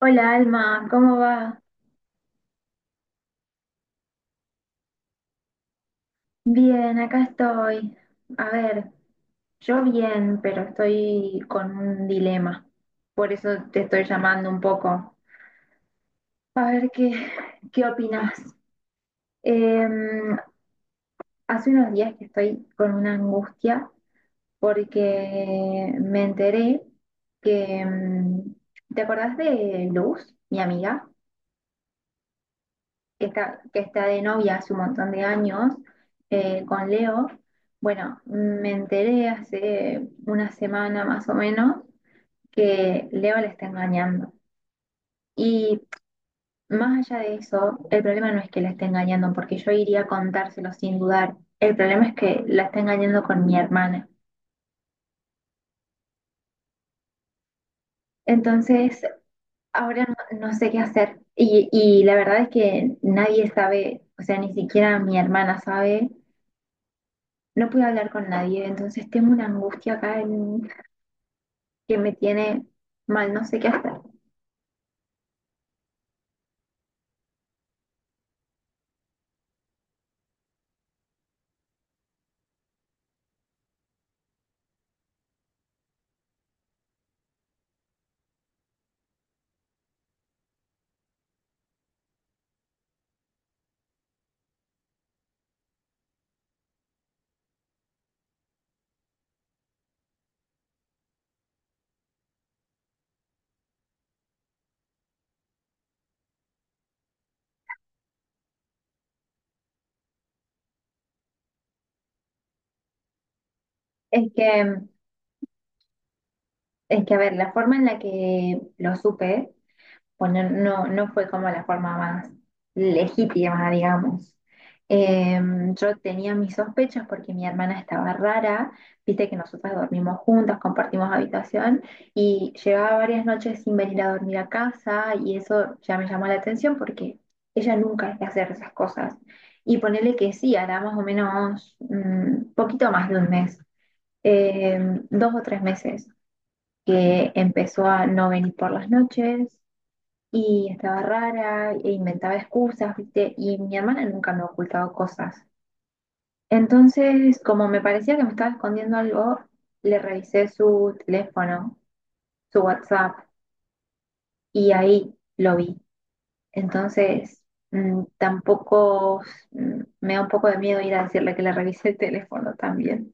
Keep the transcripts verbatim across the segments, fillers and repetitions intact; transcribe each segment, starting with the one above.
Hola Alma, ¿cómo va? Bien, acá estoy. A ver, yo bien, pero estoy con un dilema. Por eso te estoy llamando un poco. A ver qué, qué opinás. Em, Hace unos días que estoy con una angustia porque me enteré que... em, ¿te acordás de Luz, mi amiga? que está, que está de novia hace un montón de años eh, con Leo. Bueno, me enteré hace una semana más o menos que Leo la está engañando. Y más allá de eso, el problema no es que la esté engañando, porque yo iría a contárselo sin dudar. El problema es que la está engañando con mi hermana. Entonces, ahora no, no sé qué hacer. Y, y la verdad es que nadie sabe, o sea, ni siquiera mi hermana sabe, no pude hablar con nadie, entonces tengo una angustia acá en- que me tiene mal, no sé qué hacer. Es que, es que, a ver, la forma en la que lo supe, bueno, no, no no fue como la forma más legítima, digamos. Eh, yo tenía mis sospechas porque mi hermana estaba rara, viste que nosotras dormimos juntas, compartimos habitación y llevaba varias noches sin venir a dormir a casa y eso ya me llamó la atención porque ella nunca es de hacer esas cosas. Y ponerle que sí, hará más o menos un poquito más de un mes, eh, dos o tres meses que empezó a no venir por las noches y estaba rara e inventaba excusas, ¿viste? Y mi hermana nunca me ha ocultado cosas. Entonces, como me parecía que me estaba escondiendo algo, le revisé su teléfono, su WhatsApp, y ahí lo vi. Entonces, mm, tampoco mm, me da un poco de miedo ir a decirle que le revisé el teléfono también.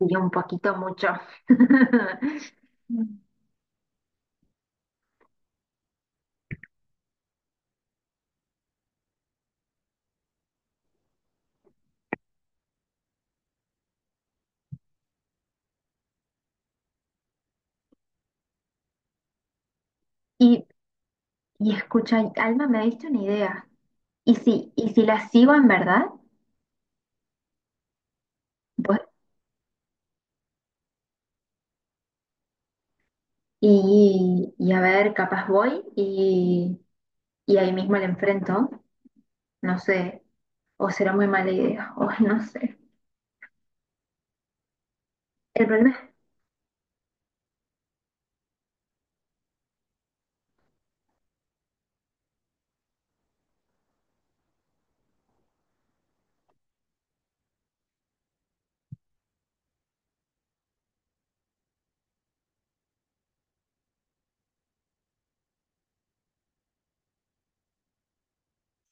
Y un poquito mucho. Y, y escucha, Alma, me diste una idea. ¿Y si, y si la sigo en verdad? Y, y a ver, capaz voy y, y ahí mismo le enfrento, no sé, o será muy mala idea, o no sé. El problema es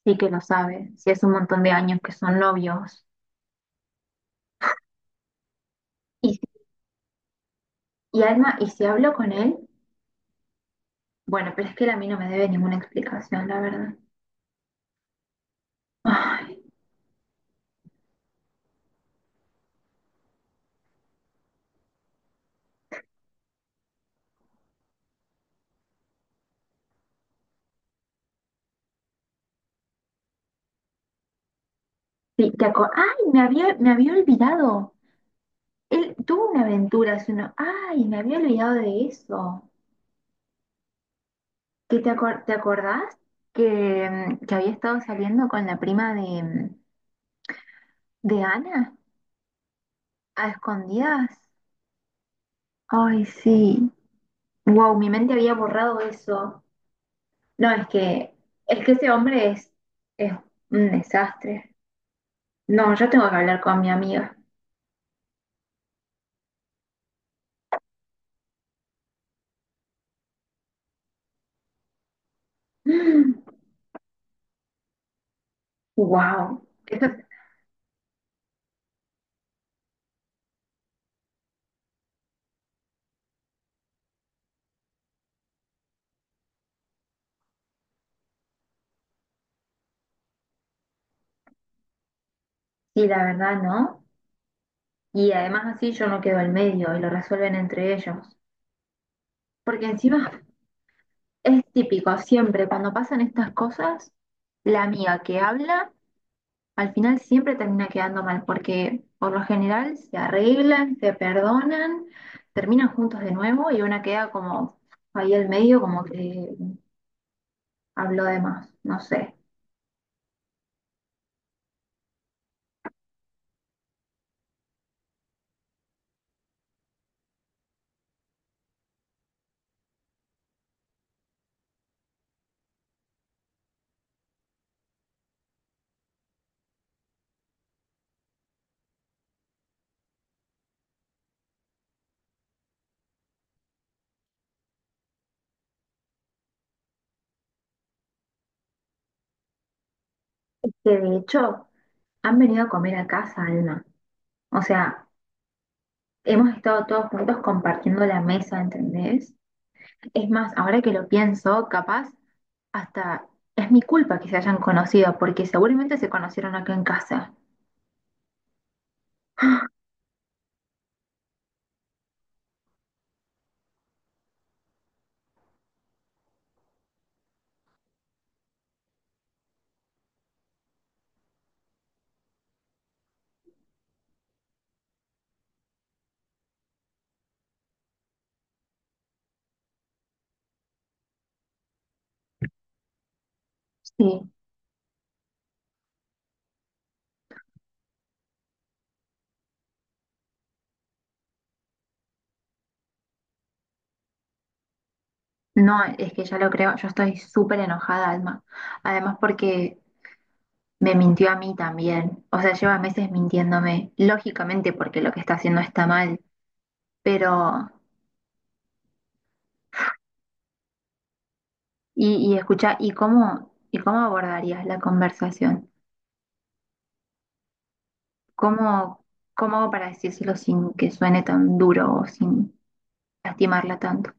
sí que lo sabe, si hace un montón de años que son novios. Y, si- y Alma, ¿y si hablo con él? Bueno, pero es que él a mí no me debe ninguna explicación, la verdad. Ay, sí, te aco- ¡ay! Me había, me había olvidado. Él tuvo una aventura hace uno. ¡Ay! Me había olvidado de eso. ¿Qué te acor- te acordás? Que, mm, que había estado saliendo con la prima de. mm, ¿De Ana? ¿A escondidas? Ay, sí. Wow, mi mente había borrado eso. No, es que, es que ese hombre es, es un desastre. No, yo tengo que hablar con mi amiga. Wow. Eso sí, la verdad, ¿no? Y además así yo no quedo en medio y lo resuelven entre ellos. Porque encima es típico, siempre cuando pasan estas cosas, la amiga que habla al final siempre termina quedando mal, porque por lo general se arreglan, se perdonan, terminan juntos de nuevo y una queda como ahí al medio, como que habló de más, no sé. Que de hecho han venido a comer a casa, Alma. O sea, hemos estado todos juntos compartiendo la mesa, ¿entendés? Es más, ahora que lo pienso, capaz hasta es mi culpa que se hayan conocido, porque seguramente se conocieron acá en casa. Sí. No, es que ya lo creo, yo estoy súper enojada, Alma. Además porque me mintió a mí también. O sea, lleva meses mintiéndome, lógicamente porque lo que está haciendo está mal. Pero, y, y escucha, ¿y cómo, y cómo abordarías la conversación? ¿Cómo, cómo hago para decírselo sin que suene tan duro o sin lastimarla tanto?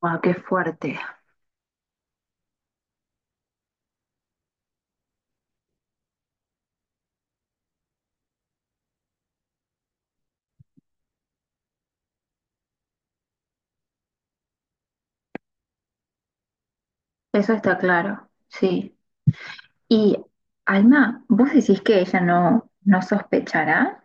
¡Wow, qué fuerte! Eso está claro, sí. Y Alma, ¿vos decís que ella no, no sospechará?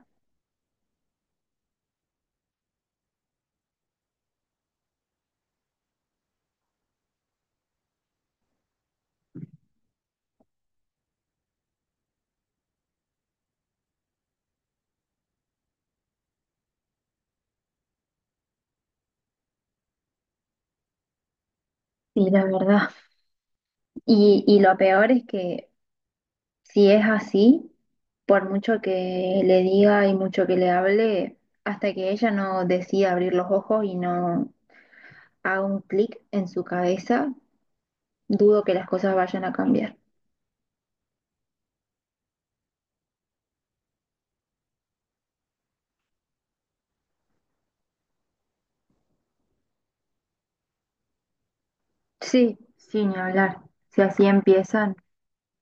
Sí, la verdad. Y, y lo peor es que si es así, por mucho que le diga y mucho que le hable, hasta que ella no decida abrir los ojos y no haga un clic en su cabeza, dudo que las cosas vayan a cambiar. Sí, sí, ni hablar. Si así empiezan,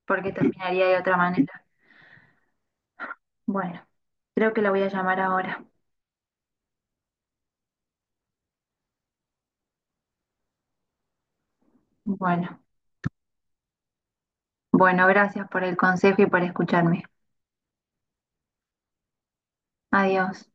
porque terminaría de otra manera. Bueno, creo que la voy a llamar ahora. Bueno, bueno, gracias por el consejo y por escucharme. Adiós.